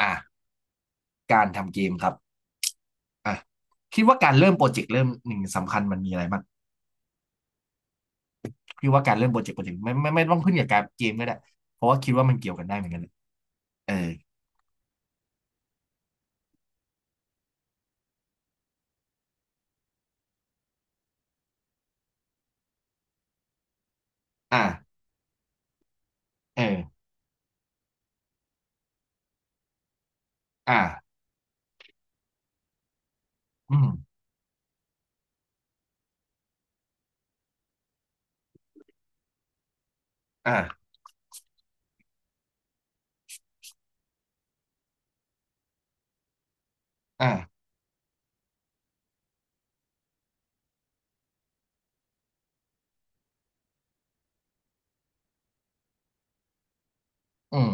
อ่ะการทำเกมครับอ่ะคิดว่าการเริ่มโปรเจกต์เริ่มหนึ่งสำคัญมันมีอะไรบ้างคิดว่าการเริ่มโปรเจกต์ไม่ต้องขึ้นกับการเกมก็ได้เพราะว่าคิดว่ามันเกี่ยวกันได้เหมือนกันเลยเอออ่ะเอออ่ะอืมอ่ะอ่ะอืม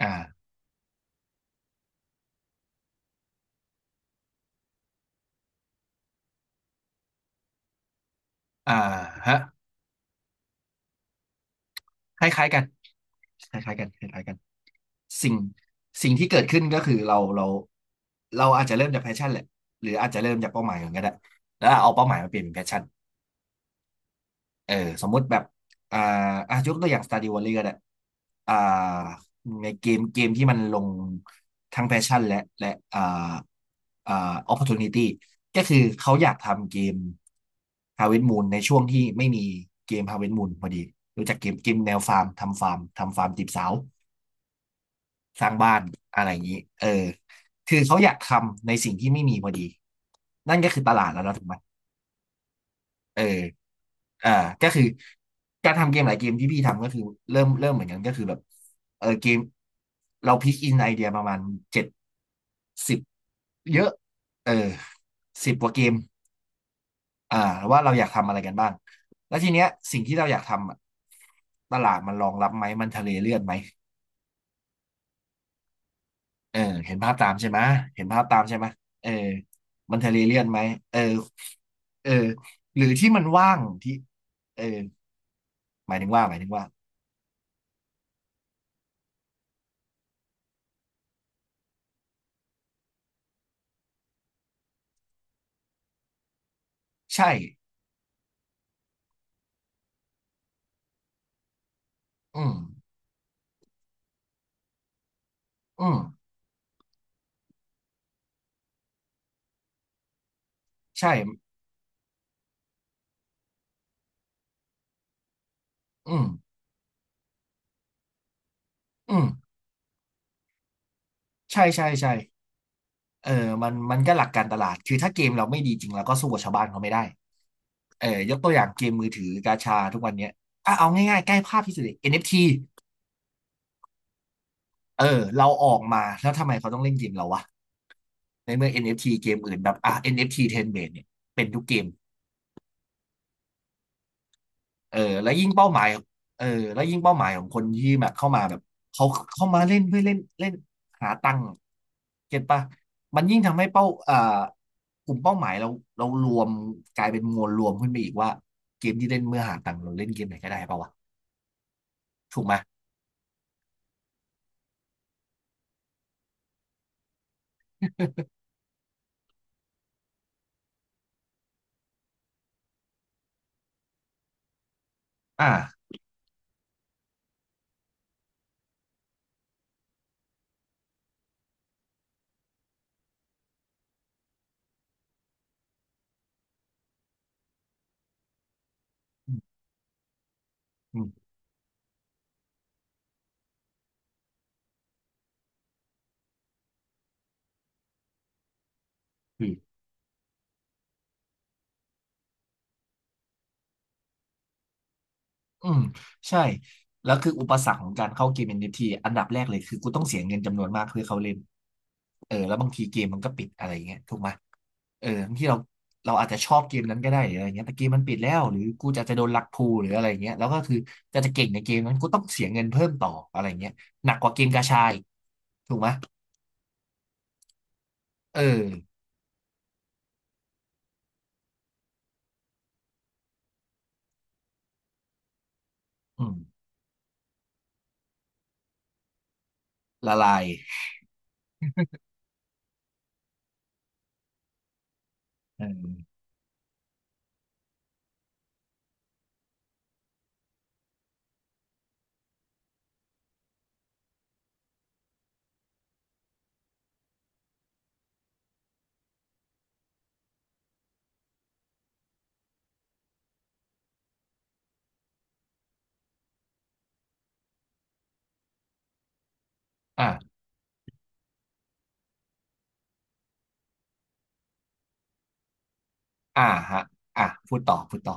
อ่ะอ่ะฮะคล้ายๆกันคล้ายๆกันคล้ายๆกันสิ่งสิ่งที่เกิดขึ้นก็คือเราอาจจะเริ่มจากแพชชั่นแหละหรืออาจจะเริ่มจากเป้าหมายก่อนก็ได้แล้วเอาเป้าหมายมาเปลี่ยนเป็นแพชชั่น เออสมมุติแบบอ่าอ่ะยกตัวอย่าง Stardew Valley ก็ได้อ่าในเกมที่มันลงทั้งแพชชั่นและอ่าอ่า opportunity ก็คือเขาอยากทำเกม Harvest Moon ในช่วงที่ไม่มีเกม Harvest Moon พอดีรู้จักเกมแนวฟาร์มทำฟาร์มทำฟาร์มจีบสาวสร้างบ้านอะไรอย่างนี้เออคือเขาอยากทำในสิ่งที่ไม่มีพอดีนั่นก็คือตลาดแล้วนะถูกไหม เอออ่าก็คือการทำเกมหลายเกมที่พี่ทำก็คือเริ่มเหมือนกันก็คือแบบเออเกมเราพิกอินไอเดียประมาณ70เยอะเออ10 กว่าเกมอ่าว่าเราอยากทำอะไรกันบ้างแล้วทีเนี้ยสิ่งที่เราอยากทำอะตลาดมันรองรับไหมมันทะเลเลือดไหมเออเห็นภาพตามใช่ไหมเห็นภาพตามใช่ไหมเออมันทะเลเลือดไหมเออเออหรือที่มันว่างที่เออหมายถึงว่าใช่ อืมอืมใช่อืมอืมใช่ใช่ใช่เออมันก็หลักการตลาด คือถ้าเกมเราไม่ดีจริงเราก็สู้กับชาวบ้านเขาไม่ได้เออยกตัวอย่างเกมมือถือกาชาทุกวันเนี้ยอ่ะเอาง่ายๆใกล้ภาพที่สุดเลย NFT เอฟทีเออเราออกมาแล้วทำไมเขาต้องเล่นเกมเราวะ ในเมื่อ NFT เอฟทีเกมอื่นแบบอ่ะ NFT Ten b a เนี่ยเป็นทุกเกม เออแล้วยิ่งเป้าหมายเออแล้วยิ่งเป้าหมายของคนที่แบบเข้ามาแบบเขาเข้ามาเล่นเพื่อเล่นเล่นหาตังค์เก็ตปะมันยิ่งทำให้เป้ากลุ่มเป้าหมายเรารวมกลายเป็นมวลรวมขึ้นไปอีกว่าเกมที่เล่นเมื่อหาตังค์เราเล่นเกมไหนก็ได้ปะวะถูกไหมยอ่าอืมอืม อืมใช่แล้วคืออุปสรรคของการเข้าเกม NFT อนเอฟทีอันดับแรกเลยคือกูต้องเสียเงินจำนวนมากเพื่อเข้าเล่นเออแล้วบางทีเกมมันก็ปิดอะไรอย่างเงี้ยถูกไหมเออบางทีเราอาจจะชอบเกมนั้นก็ได้หรืออะไรเงี้ยแต่เกมมันปิดแล้วหรือกูจะโดนลักพูหรืออะไรเงี้ยแล้วก็คือจะเก่งในเกมนั้นกูต้องเสียเงินเพิ่มต่ออะไรเงี้ยหนักกว่าเกมกาชาอีกถูกไหมเอออืมละลายเอออ่าฮะพูดต่อพูดต่อ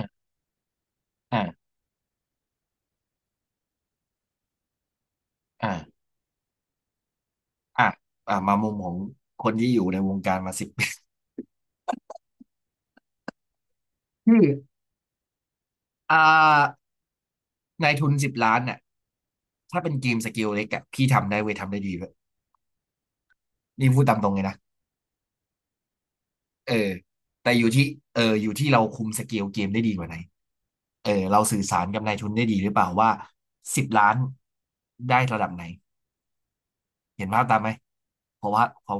อ่าอ่า อ่ะอ่ะมามุมของคนที่อยู่ในวงการมาสิบ คืออ่านายทุน10 ล้านน่ะถ้าเป็นเกมสเกลเล็กอะพี่ทำได้เว้ยทำได้ดีด้วยนี่พูดตามตรงเลยนะเออแต่อยู่ที่เอออยู่ที่เราคุมสเกลเกมได้ดีกว่าไหนเออเราสื่อสารกับนายทุนได้ดีหรือเปล่าว่าสิบล้านได้ระดับไหนเห็นภาพตามไหมเพราะว่าเขา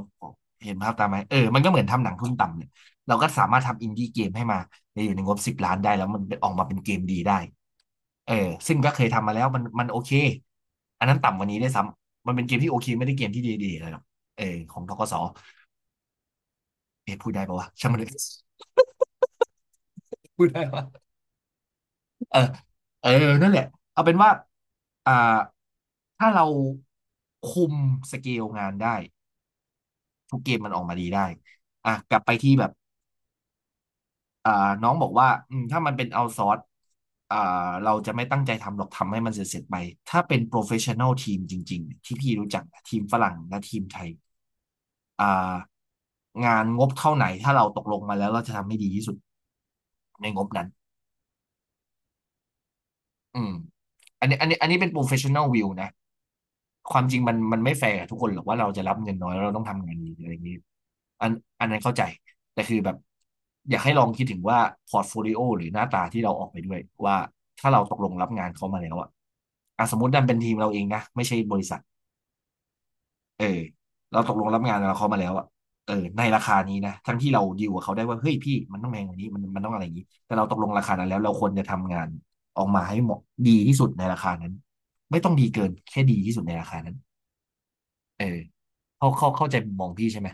เห็นภาพตามไหมเออมันก็เหมือนทำหนังทุนต่ำเนี่ยเราก็สามารถทำอินดี้เกมให้มาในอยู่ในงบสิบล้านได้แล้วมันออกมาเป็นเกมดีได้ เออซึ่งก็เคยทำมาแล้วมันโอเคอันนั้นต่ำกว่านี้ได้วยซ้ำมันเป็นเกมที่โอเคไม่ได้เกมที่ดีๆเลยหรอกเออของธกสเอ๊ะพูดได้ปะวะช่างมันเลยพูดได้ปะเออเออนั่นแหละเอาเป็นว่าอ่าถ้าเราคุมสเกลงานได้ทุกเกมมันออกมาดีได้อ่ะกลับไปที่แบบ อ่าน้องบอกว่าอืมถ้ามันเป็นเอาซอร์สอ่าเราจะไม่ตั้งใจทำหรอกทำให้มันเสร็จๆไปถ้าเป็นโปรเฟชชั่น a ลทีมจริงๆที่พี่รู้จักนะทีมฝรั่งและทีมไทยอ่างานงบเท่าไหนถ้าเราตกลงมาแล้วเราจะทำให้ดีที่สุดในงบนั้น อืมอันนี้เป็น professional view นะความจริงมันไม่แฟร์กับทุกคนหรอกว่าเราจะรับเงินน้อยแล้วเราต้องทำงานดีอะไรอย่างนี้อันอันนั้นเข้าใจแต่คือแบบอยากให้ลองคิดถึงว่าพอร์ตโฟลิโอหรือหน้าตาที่เราออกไปด้วยว่าถ้าเราตกลงรับงานเขามาแล้วอะอ่ะสมมติดันเป็นทีมเราเองนะไม่ใช่บริษัท เออเราตกลงรับงานกับเขามาแล้วอ่ะเออในราคานี้นะทั้งที่เราดีลกับเขาได้ว่าเฮ้ยพี่มันต้องแพงกว่านี้มันต้องอะไรอย่างนี้แต่เราตกลงราคานั้นแล้วเราควรจะทำงานออกมาให้เหมาะดีที่สุดในราคานั้นไม่ต้องดีเกินแค่ดีที่สุดในราคานั้นเออเขาเข้าใจมุมมองพี่ใช่ไหม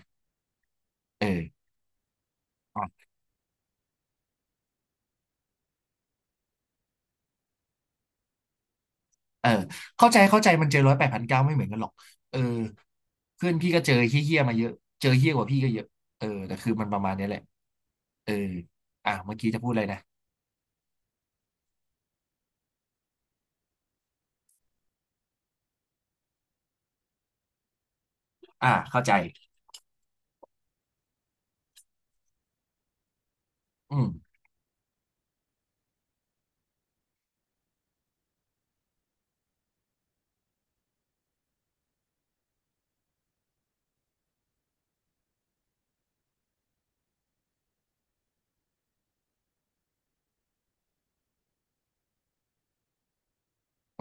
เอออ่ะเออเข้าใจเข้าใจมันเจอร้อยแปดพันเก้าไม่เหมือนกันหรอกเออเพื่อนพี่ก็เจอเฮี้ยๆมาเยอะเจอเฮี้ยกว่าพี่ก็เยอะเออแต่คือมันประมาณเนี้ยแหละเอออ่ะเมื่อกี้จะพูดอะไรนะอ่ะเข้าใจอืม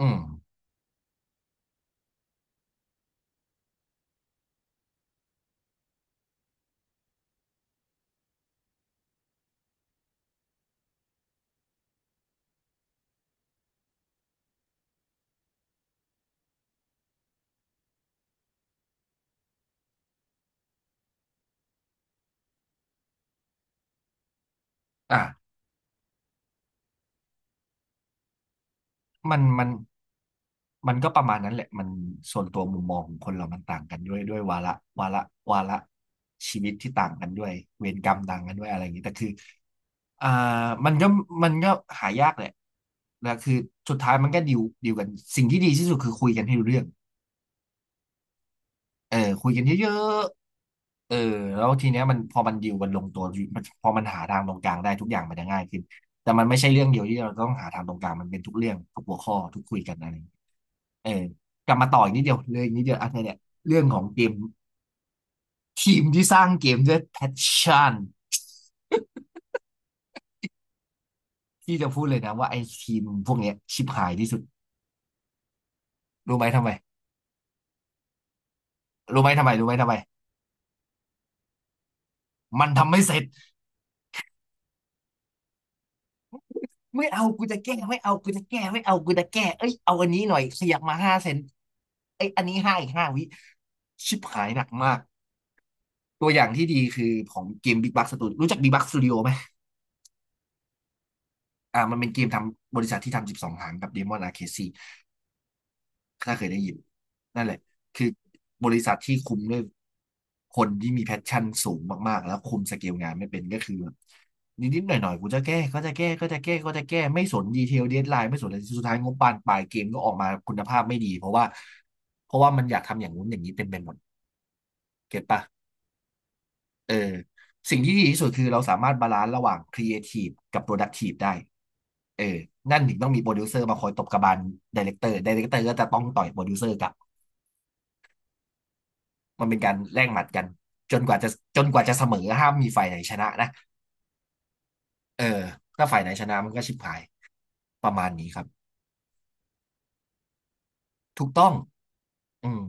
อืมอ่ะมันมันมันก็ประมาณนั้นแหละมันส่วนตัวมุมมองของคนเรามันต่างกันด้วยด้วยวาระวาระชีวิตที่ต่างกันด้วยเวรกรรมต่างกันด้วยอะไรอย่างนี้แต่คืออ่ามันก็มันก็หายากแหละแล้วคือสุดท้ายมันก็ดีลกันสิ่งที่ดีที่สุดคือคุยกันให้รู้เรื่อง เออคุยกันเยอะๆเออแล้วทีเนี้ยมันพอมันดิวกันลงตัวมันพอมันหาทางตรงกลางได้ทุกอย่างมันจะง่ายขึ้นแต่มันไม่ใช่เรื่องเดียวที่เราต้องหาทางตรงกลางมันเป็นทุกเรื่องทุกหัวข้อทุกคุยกันอะไรอย่างเงี้ยเออกลับมาต่ออีกนิดเดียวเลยอีกนิดเดียวอันเนี้ยเนี่ยเรื่องของเกมทีมที่สร้างเกมด้วยแพชชั่นที่จะพูดเลยนะว่าไอ้ทีมพวกเนี้ยชิบหายที่สุดรู้ไหมทำไมรู้ไหมทำไมมันทำไม่เสร็จ ไม่เอากูจะแก้ไม่เอากูจะแก้ไม่เอากูจะแก้เอ้ยเอาอันนี้หน่อยขยับมา5 เซนไอยอันนี้5 อีก 5 วิชิบหายหนักมากตัวอย่างที่ดีคือของเกม Big Bucks Studio รู้จัก Big Bucks Studio ไหมอ่ามันเป็นเกมทำบริษัทที่ทำ12หางกับ Demon Arcade 4 ถ้าเคยได้ยินนั่นแหละคือบริษัทที่คุมด้วยคนที่มีแพชชั่นสูงมากๆแล้วคุมสเกลงานไม่เป็นก็คือแบบนิดๆหน่อยๆกูจะแก้ก็จะแก้ไม่สนดีเทลเดดไลน์ไม่สนอะไรสุดท้ายงบปานปลายเกมก็ออกมาคุณภาพไม่ดีเพราะว่ามันอยากทำอย่างนู้นอย่างนี้เป็นหมดเก็ตปะเออสิ่งที่ดีที่สุดคือเราสามารถบาลานซ์ระหว่างครีเอทีฟกับโปรดักทีฟได้เออนั่นถึงต้องมีโปรดิวเซอร์มาคอยตบกระบาลไดเรคเตอร์ไดเรคเตอร์ก็จะต้องต่อยโปรดิวเซอร์กลับ มันเป็นการแลกหมัดกันจนกว่าจะจนกว่าจะเสมอห้ามมีฝ่ายไหนชนะนะเออถ้าฝ่ายไหนชนะมันก็ชิบหายประมาณนี้ครับถูกต้องอืม